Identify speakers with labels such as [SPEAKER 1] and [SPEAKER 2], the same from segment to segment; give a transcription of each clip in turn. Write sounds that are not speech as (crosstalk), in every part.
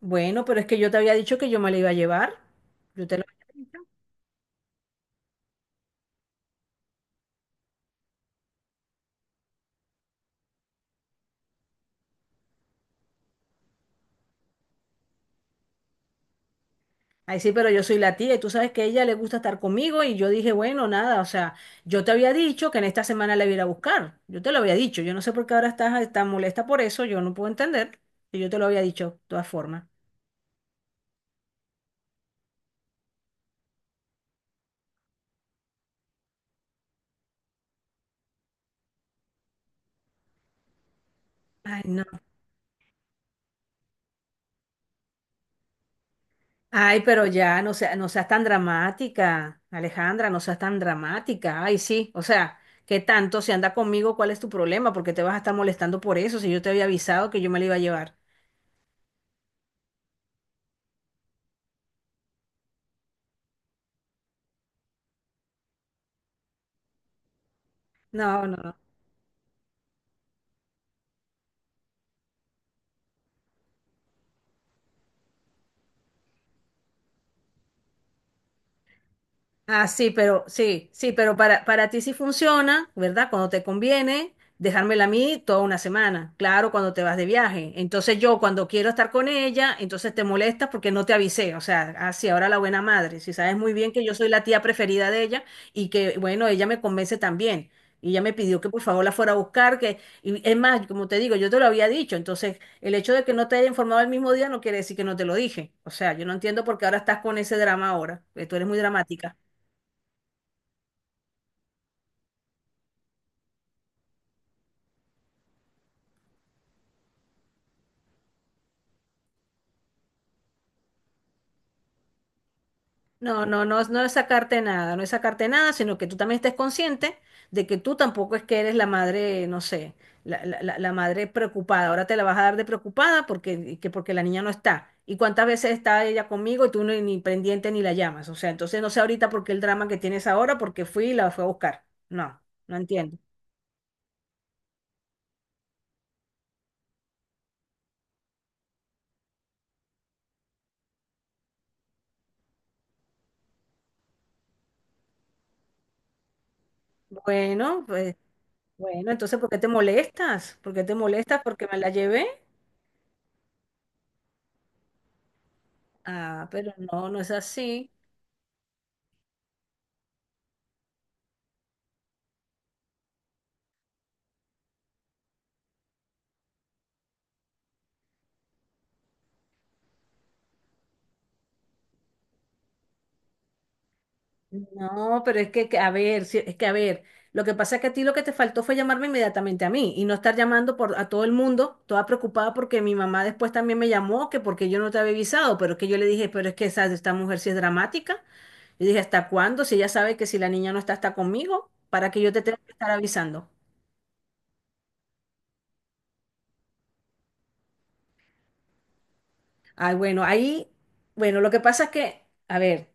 [SPEAKER 1] Bueno, pero es que yo te había dicho que yo me la iba a llevar. Yo te lo... Ay, sí, pero yo soy la tía y tú sabes que a ella le gusta estar conmigo y yo dije, bueno, nada, o sea, yo te había dicho que en esta semana la iba a ir a buscar. Yo te lo había dicho. Yo no sé por qué ahora estás tan molesta por eso. Yo no puedo entender. Y yo te lo había dicho de todas formas. Ay, no. Ay, pero ya, no seas tan dramática, Alejandra, no seas tan dramática. Ay, sí, o sea, ¿qué tanto? Si anda conmigo, ¿cuál es tu problema? Porque te vas a estar molestando por eso, si yo te había avisado que yo me la iba a llevar. No, no. No. Ah, sí, pero sí, sí, pero para ti sí funciona, ¿verdad? Cuando te conviene, dejármela a mí toda una semana, claro, cuando te vas de viaje. Entonces yo cuando quiero estar con ella, entonces te molestas porque no te avisé, o sea, así ahora la buena madre, si sabes muy bien que yo soy la tía preferida de ella y que, bueno, ella me convence también. Y ella me pidió que por favor la fuera a buscar, que, y es más, como te digo, yo te lo había dicho, entonces el hecho de que no te haya informado el mismo día no quiere decir que no te lo dije. O sea, yo no entiendo por qué ahora estás con ese drama ahora, que tú eres muy dramática. No, no, no, no es sacarte nada, no es sacarte nada, sino que tú también estés consciente de que tú tampoco es que eres la madre, no sé, la madre preocupada. Ahora te la vas a dar de preocupada porque, que porque la niña no está. ¿Y cuántas veces está ella conmigo y tú ni pendiente ni la llamas? O sea, entonces no sé ahorita por qué el drama que tienes ahora, porque fui y la fue a buscar. No, no entiendo. Bueno, pues, bueno, entonces ¿por qué te molestas? ¿Por qué te molestas? ¿Porque me la llevé? Ah, pero no, no es así. No, pero es que, a ver, sí, es que, a ver, lo que pasa es que a ti lo que te faltó fue llamarme inmediatamente a mí y no estar llamando por, a todo el mundo, toda preocupada porque mi mamá después también me llamó, que porque yo no te había avisado, pero es que yo le dije, pero es que esta mujer sí es dramática. Yo dije, ¿hasta cuándo? Si ella sabe que si la niña no está, está conmigo, ¿para que yo te tenga que estar avisando? Ay, bueno, ahí, bueno, lo que pasa es que, a ver.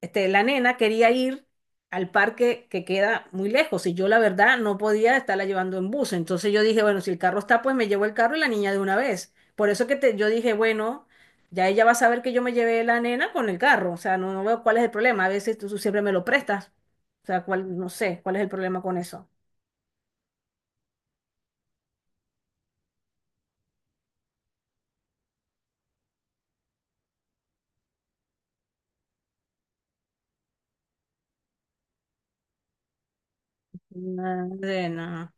[SPEAKER 1] La nena quería ir al parque que queda muy lejos y yo la verdad no podía estarla llevando en bus. Entonces yo dije, bueno, si el carro está, pues me llevo el carro y la niña de una vez. Por eso que te, yo dije, bueno, ya ella va a saber que yo me llevé la nena con el carro. O sea, no, no veo cuál es el problema. A veces tú siempre me lo prestas. O sea, cuál, no sé, cuál es el problema con eso. Nada.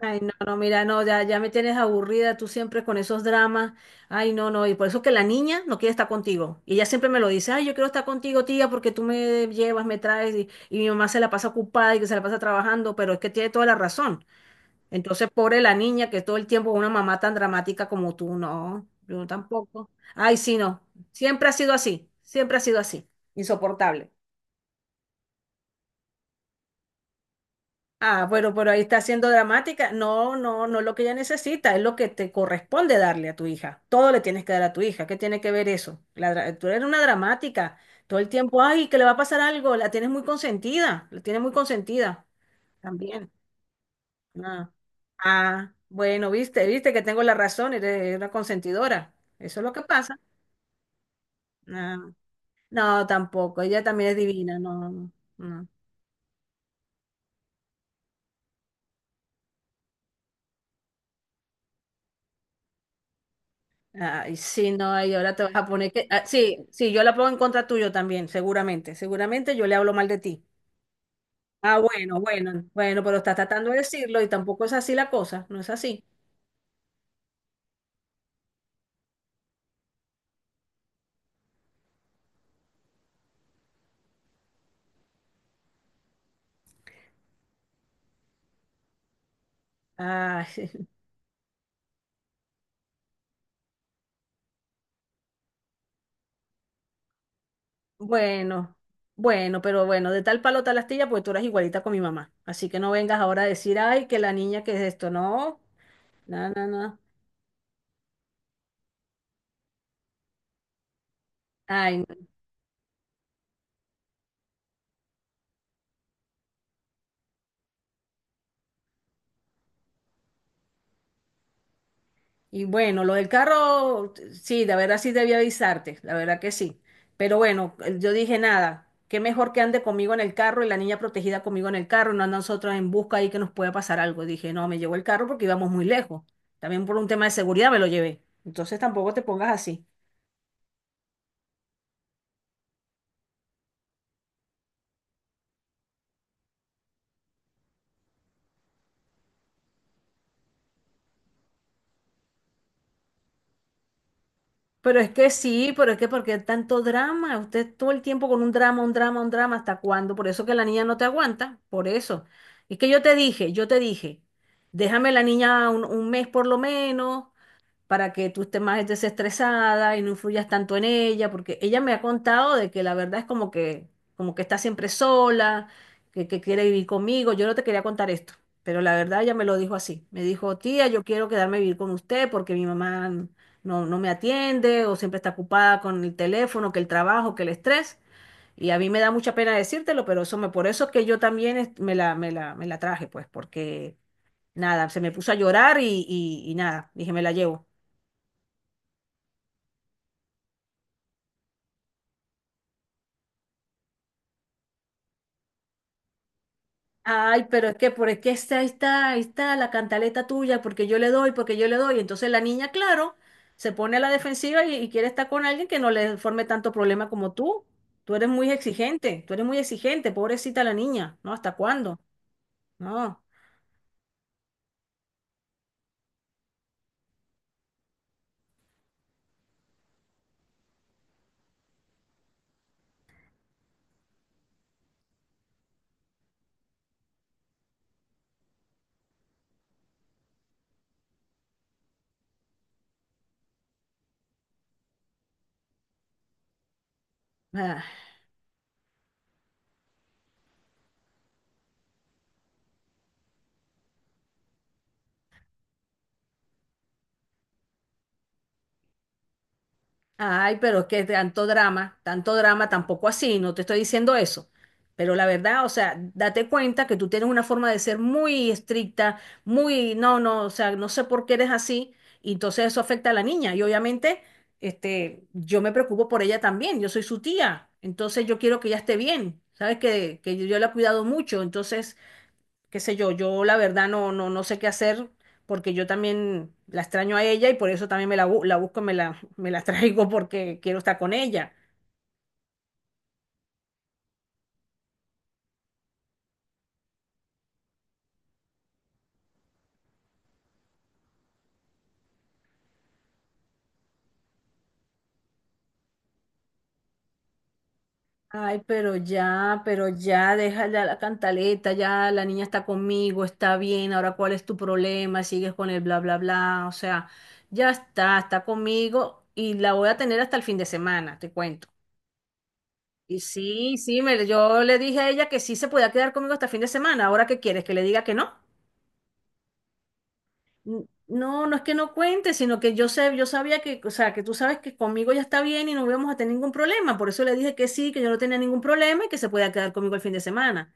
[SPEAKER 1] Ay, no, no, mira, no, ya, ya me tienes aburrida tú siempre con esos dramas. Ay, no, no, y por eso que la niña no quiere estar contigo. Y ella siempre me lo dice, ay, yo quiero estar contigo, tía, porque tú me llevas, me traes, y mi mamá se la pasa ocupada y que se la pasa trabajando, pero es que tiene toda la razón. Entonces, pobre la niña que todo el tiempo una mamá tan dramática como tú, no, yo tampoco. Ay, sí, no, siempre ha sido así, siempre ha sido así, insoportable. Ah, bueno, pero ahí está siendo dramática. No, no, no es lo que ella necesita, es lo que te corresponde darle a tu hija. Todo le tienes que dar a tu hija. ¿Qué tiene que ver eso? Tú eres una dramática. Todo el tiempo, ay, que le va a pasar algo. La tienes muy consentida, la tienes muy consentida también. Ah, ah, bueno, viste, viste que tengo la razón, eres una consentidora. Eso es lo que pasa. Ah, no, tampoco. Ella también es divina, no, no. No. Ay, sí, no, y ahora te vas a poner que... ah, sí, sí, yo la pongo en contra tuyo también, seguramente. Seguramente yo le hablo mal de ti. Ah, bueno, bueno, bueno, pero estás tratando de decirlo y tampoco es así la cosa, no es así. Ay, (laughs) bueno, bueno, pero bueno, de tal palo tal astilla, pues tú eras igualita con mi mamá. Así que no vengas ahora a decir, ay, que la niña que es esto, no, no, no, no. Ay. Y bueno, lo del carro, sí, la verdad sí debí avisarte, la verdad que sí. Pero bueno, yo dije nada, qué mejor que ande conmigo en el carro y la niña protegida conmigo en el carro, no a nosotros en busca ahí que nos pueda pasar algo. Dije, no, me llevo el carro porque íbamos muy lejos. También por un tema de seguridad me lo llevé. Entonces tampoco te pongas así. Pero es que sí, pero es que porque tanto drama, usted todo el tiempo con un drama, un drama, un drama, ¿hasta cuándo? Por eso que la niña no te aguanta, por eso. Es que yo te dije, déjame la niña 1 mes por lo menos, para que tú estés más desestresada y no influyas tanto en ella, porque ella me ha contado de que la verdad es como que está siempre sola, que quiere vivir conmigo. Yo no te quería contar esto, pero la verdad ella me lo dijo así. Me dijo, tía, yo quiero quedarme a vivir con usted porque mi mamá no, no me atiende o siempre está ocupada con el teléfono, que el trabajo, que el estrés. Y a mí me da mucha pena decírtelo, pero eso me, por eso es que yo también me la, me la, me la traje, pues, porque nada, se me puso a llorar y nada, dije, me la llevo. Ay, pero es que, por es que está, ahí está, ahí está la cantaleta tuya, porque yo le doy, porque yo le doy. Entonces la niña, claro, se pone a la defensiva y quiere estar con alguien que no le forme tanto problema como tú. Tú eres muy exigente, tú eres muy exigente, pobrecita la niña, ¿no? ¿Hasta cuándo? No. Ah. Ay, pero es que tanto drama, tampoco así, no te estoy diciendo eso. Pero la verdad, o sea, date cuenta que tú tienes una forma de ser muy estricta, muy, no, no, o sea, no sé por qué eres así, y entonces eso afecta a la niña. Y obviamente, yo me preocupo por ella también, yo soy su tía, entonces yo quiero que ella esté bien, sabes que yo la he cuidado mucho, entonces qué sé yo, yo la verdad no, no, no sé qué hacer porque yo también la extraño a ella y por eso también me la, la busco, me la, (laughs) me la traigo porque quiero estar con ella. Ay, pero ya, déjala la cantaleta, ya la niña está conmigo, está bien, ahora cuál es tu problema, sigues con el bla, bla, bla, o sea, ya está, está conmigo y la voy a tener hasta el fin de semana, te cuento. Y sí, sí, me, yo le dije a ella que sí se podía quedar conmigo hasta el fin de semana, ¿ahora qué quieres? ¿Que le diga que no? No, no es que no cuente, sino que yo sé, yo sabía que, o sea, que tú sabes que conmigo ya está bien y no íbamos a tener ningún problema. Por eso le dije que sí, que yo no tenía ningún problema y que se podía quedar conmigo el fin de semana.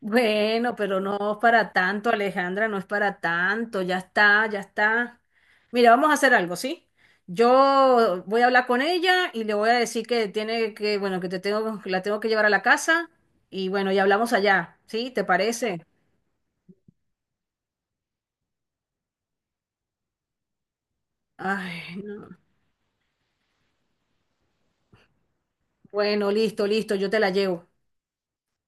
[SPEAKER 1] Bueno, pero no es para tanto, Alejandra, no es para tanto, ya está, ya está. Mira, vamos a hacer algo, ¿sí? Yo voy a hablar con ella y le voy a decir que tiene que, bueno, que te tengo, que la tengo que llevar a la casa y bueno, y hablamos allá, ¿sí? ¿Te parece? Ay, no. Bueno, listo, listo, yo te la llevo.